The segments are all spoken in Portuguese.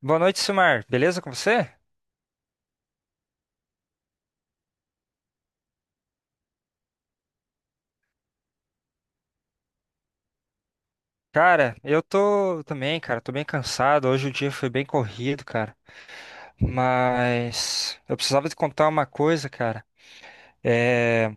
Boa noite, Silmar. Beleza com você? Cara, eu tô também, cara. Tô bem cansado. Hoje o dia foi bem corrido, cara. Mas eu precisava te contar uma coisa, cara. É...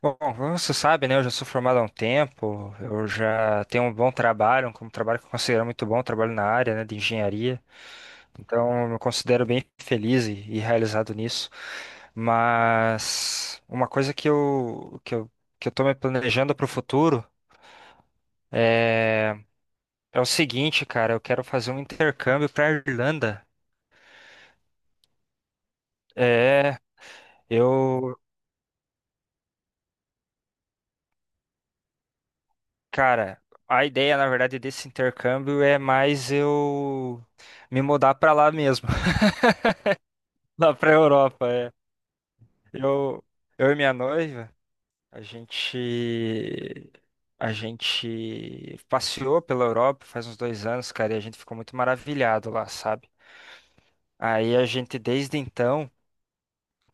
Bom, como você sabe, né? Eu já sou formado há um tempo. Eu já tenho um bom trabalho, um trabalho que eu considero muito bom, trabalho na área, né, de engenharia. Então, eu me considero bem feliz e realizado nisso. Mas uma coisa que eu tô me planejando para o futuro. é É o seguinte, cara, eu quero fazer um intercâmbio para Irlanda. É, eu, cara, a ideia, na verdade, desse intercâmbio é mais eu me mudar para lá mesmo, lá para Europa. É. Eu, eu e minha noiva, a gente, a gente passeou pela Europa faz uns 2 anos, cara, e a gente ficou muito maravilhado lá, sabe? Aí a gente, desde então,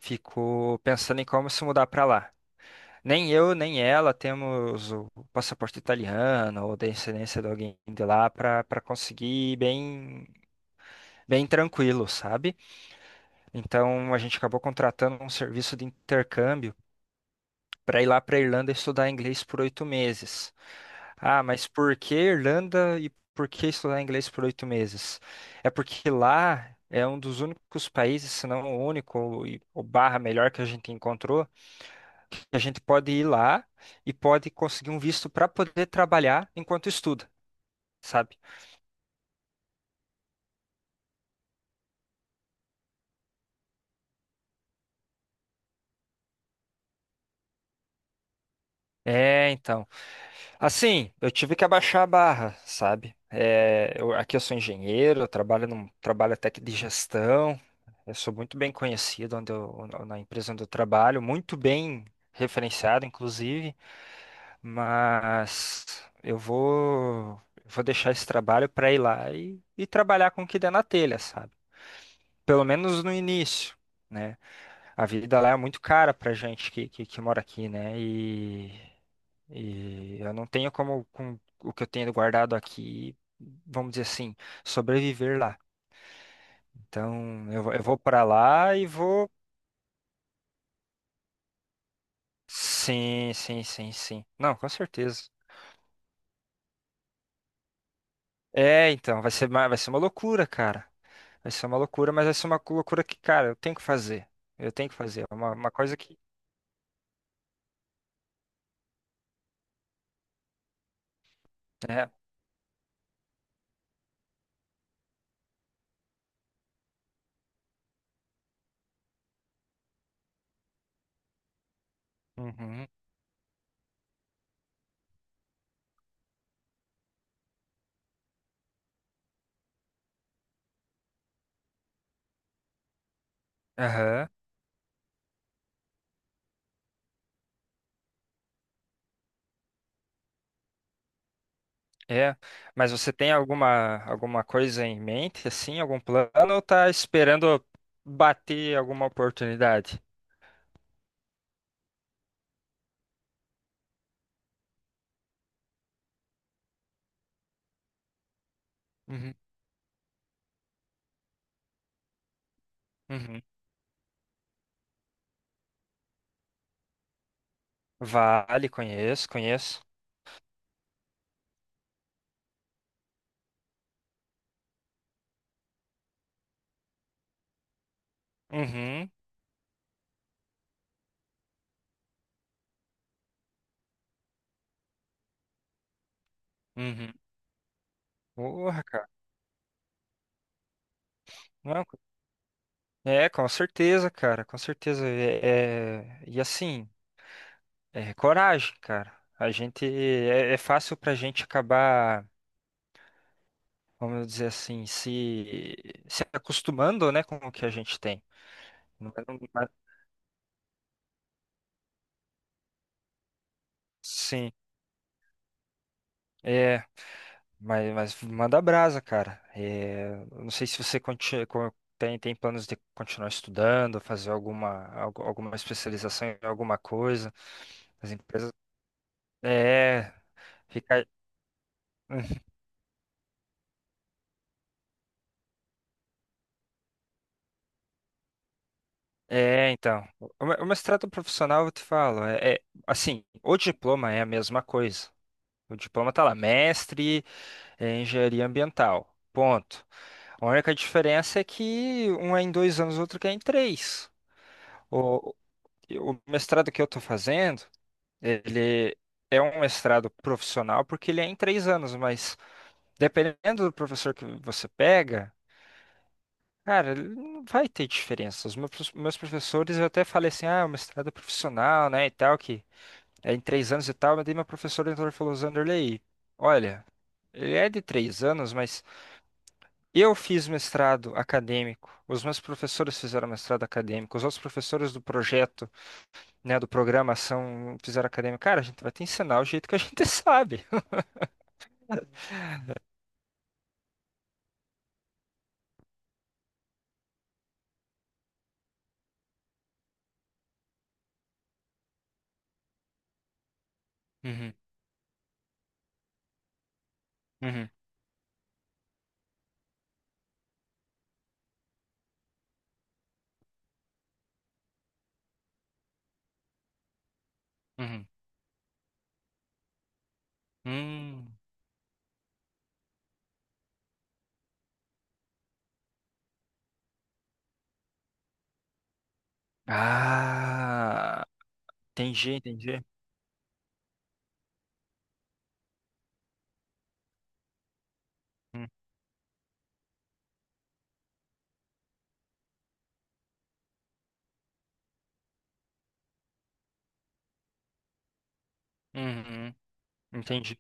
ficou pensando em como se mudar para lá. Nem eu, nem ela temos o passaporte italiano ou descendência de alguém de lá para conseguir ir bem tranquilo, sabe? Então a gente acabou contratando um serviço de intercâmbio para ir lá para Irlanda estudar inglês por 8 meses. Ah, mas por que Irlanda e por que estudar inglês por oito meses? É porque lá é um dos únicos países, se não o único, ou barra melhor que a gente encontrou, e a gente pode ir lá e pode conseguir um visto para poder trabalhar enquanto estuda, sabe? É, então. Assim, eu tive que abaixar a barra, sabe? É, aqui eu sou engenheiro, eu trabalho num trabalho até que de gestão. Eu sou muito bem conhecido onde eu, na empresa onde eu trabalho, muito bem referenciado, inclusive. Mas eu vou deixar esse trabalho para ir lá e trabalhar com o que der na telha, sabe? Pelo menos no início, né? A vida lá é muito cara pra gente que mora aqui, né? E eu não tenho como, com o que eu tenho guardado aqui, vamos dizer assim, sobreviver lá. Então, eu, eu vou pra lá e vou. Sim, sim, sim, sim. Não, com certeza. É, então, vai ser uma loucura, cara. Vai ser uma loucura, mas vai ser uma loucura que, cara, eu tenho que fazer. Eu tenho que fazer. É uma coisa que. É. Uhum. Aham. É, mas você tem alguma coisa em mente, assim, algum plano, ou tá esperando bater alguma oportunidade? Uhum, uhum. Vale, conheço, conheço. Uhum, uhum. Porra, cara. Não, é, com certeza, cara, com certeza. E assim, é coragem, cara. A gente é fácil pra gente acabar, vamos dizer assim, se acostumando, né, com o que a gente tem. Não- é, não- mas- Sim. É. Mas manda brasa, cara. É, não sei se você tem planos de continuar estudando, fazer alguma especialização em alguma coisa. As empresas. É, fica. É, então. O mestrado profissional, eu te falo, assim, o diploma é a mesma coisa. O diploma tá lá, mestre em engenharia ambiental. Ponto. A única diferença é que um é em 2 anos, o outro que é em três. O mestrado que eu estou fazendo, ele é um mestrado profissional porque ele é em 3 anos, mas dependendo do professor que você pega, cara, ele não vai ter diferença. Os meus professores, eu até falei assim, ah, o mestrado é profissional, né, e tal, que é em 3 anos e tal, mas daí meu professor entrou e falou, Zanderlei, olha, ele é de 3 anos, mas eu fiz mestrado acadêmico, os meus professores fizeram mestrado acadêmico, os outros professores do projeto, né, do programação, fizeram acadêmica, cara, a gente vai te ensinar o jeito que a gente sabe. Uhum, uhum, uhum. Hum, ah, entendi, entendi. Hum, uhum. Entendi.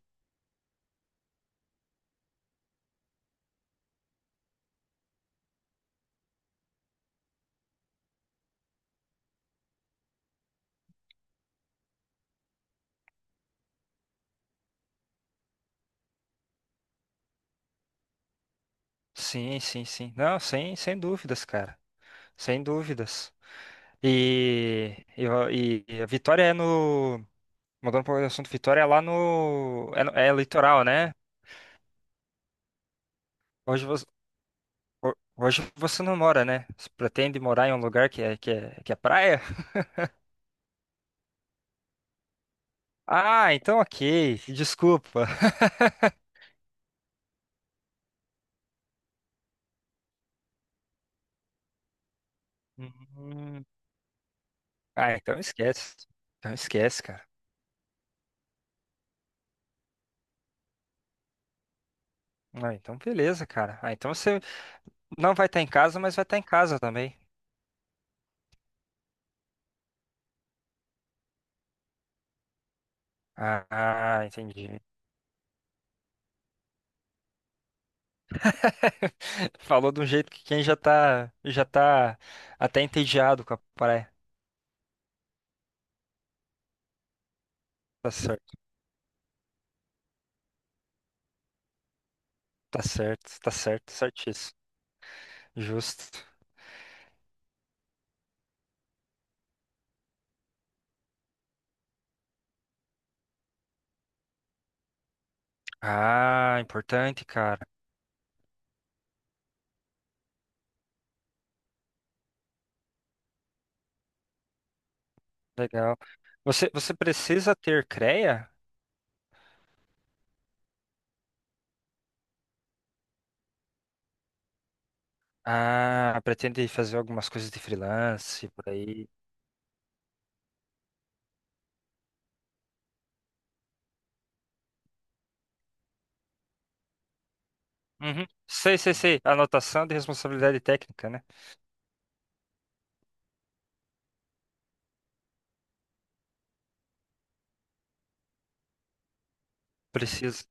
Sim, sim, sim. Não, sem dúvidas, cara. Sem dúvidas. A Vitória é no. Mudando um pouco do assunto, Vitória é lá no. É, é litoral, né? Hoje você, hoje você não mora, né? Você pretende morar em um lugar que é praia? Ah, então ok. Desculpa. Hum. Ah, então esquece. Então esquece, cara. Ah, então beleza, cara. Ah, então você não vai estar em casa, mas vai estar em casa também. Ah, ah, entendi. Falou de um jeito que quem já tá até entediado com a praia. Tá certo, tá certo, tá certo, certíssimo. Justo. Ah, importante, cara. Legal. Você precisa ter creia? Ah, pretende fazer algumas coisas de freelance por aí. Uhum. Sei, sei, sei. Anotação de responsabilidade técnica, né? Precisa.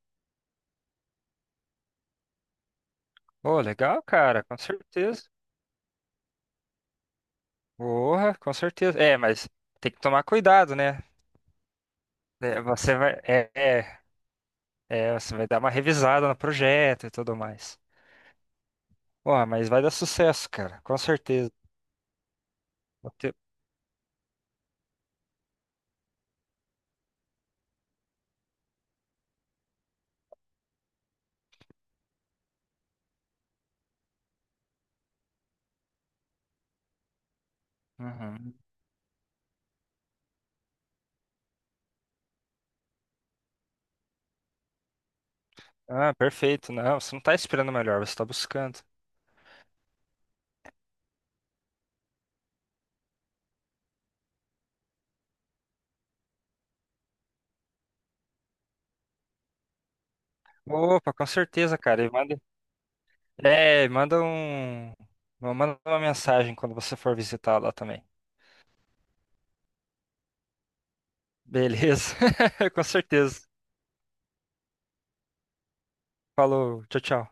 Ô, legal, cara, com certeza. Porra, com certeza. É, mas tem que tomar cuidado, né? É, você vai, é, você vai dar uma revisada no projeto e tudo mais. Porra, mas vai dar sucesso, cara, com certeza. O teu- Uhum. Ah, perfeito. Não, você não tá esperando o melhor, você tá buscando. Opa, com certeza, cara. E manda manda um. Manda uma mensagem quando você for visitar lá também. Beleza? Com certeza. Falou, tchau, tchau.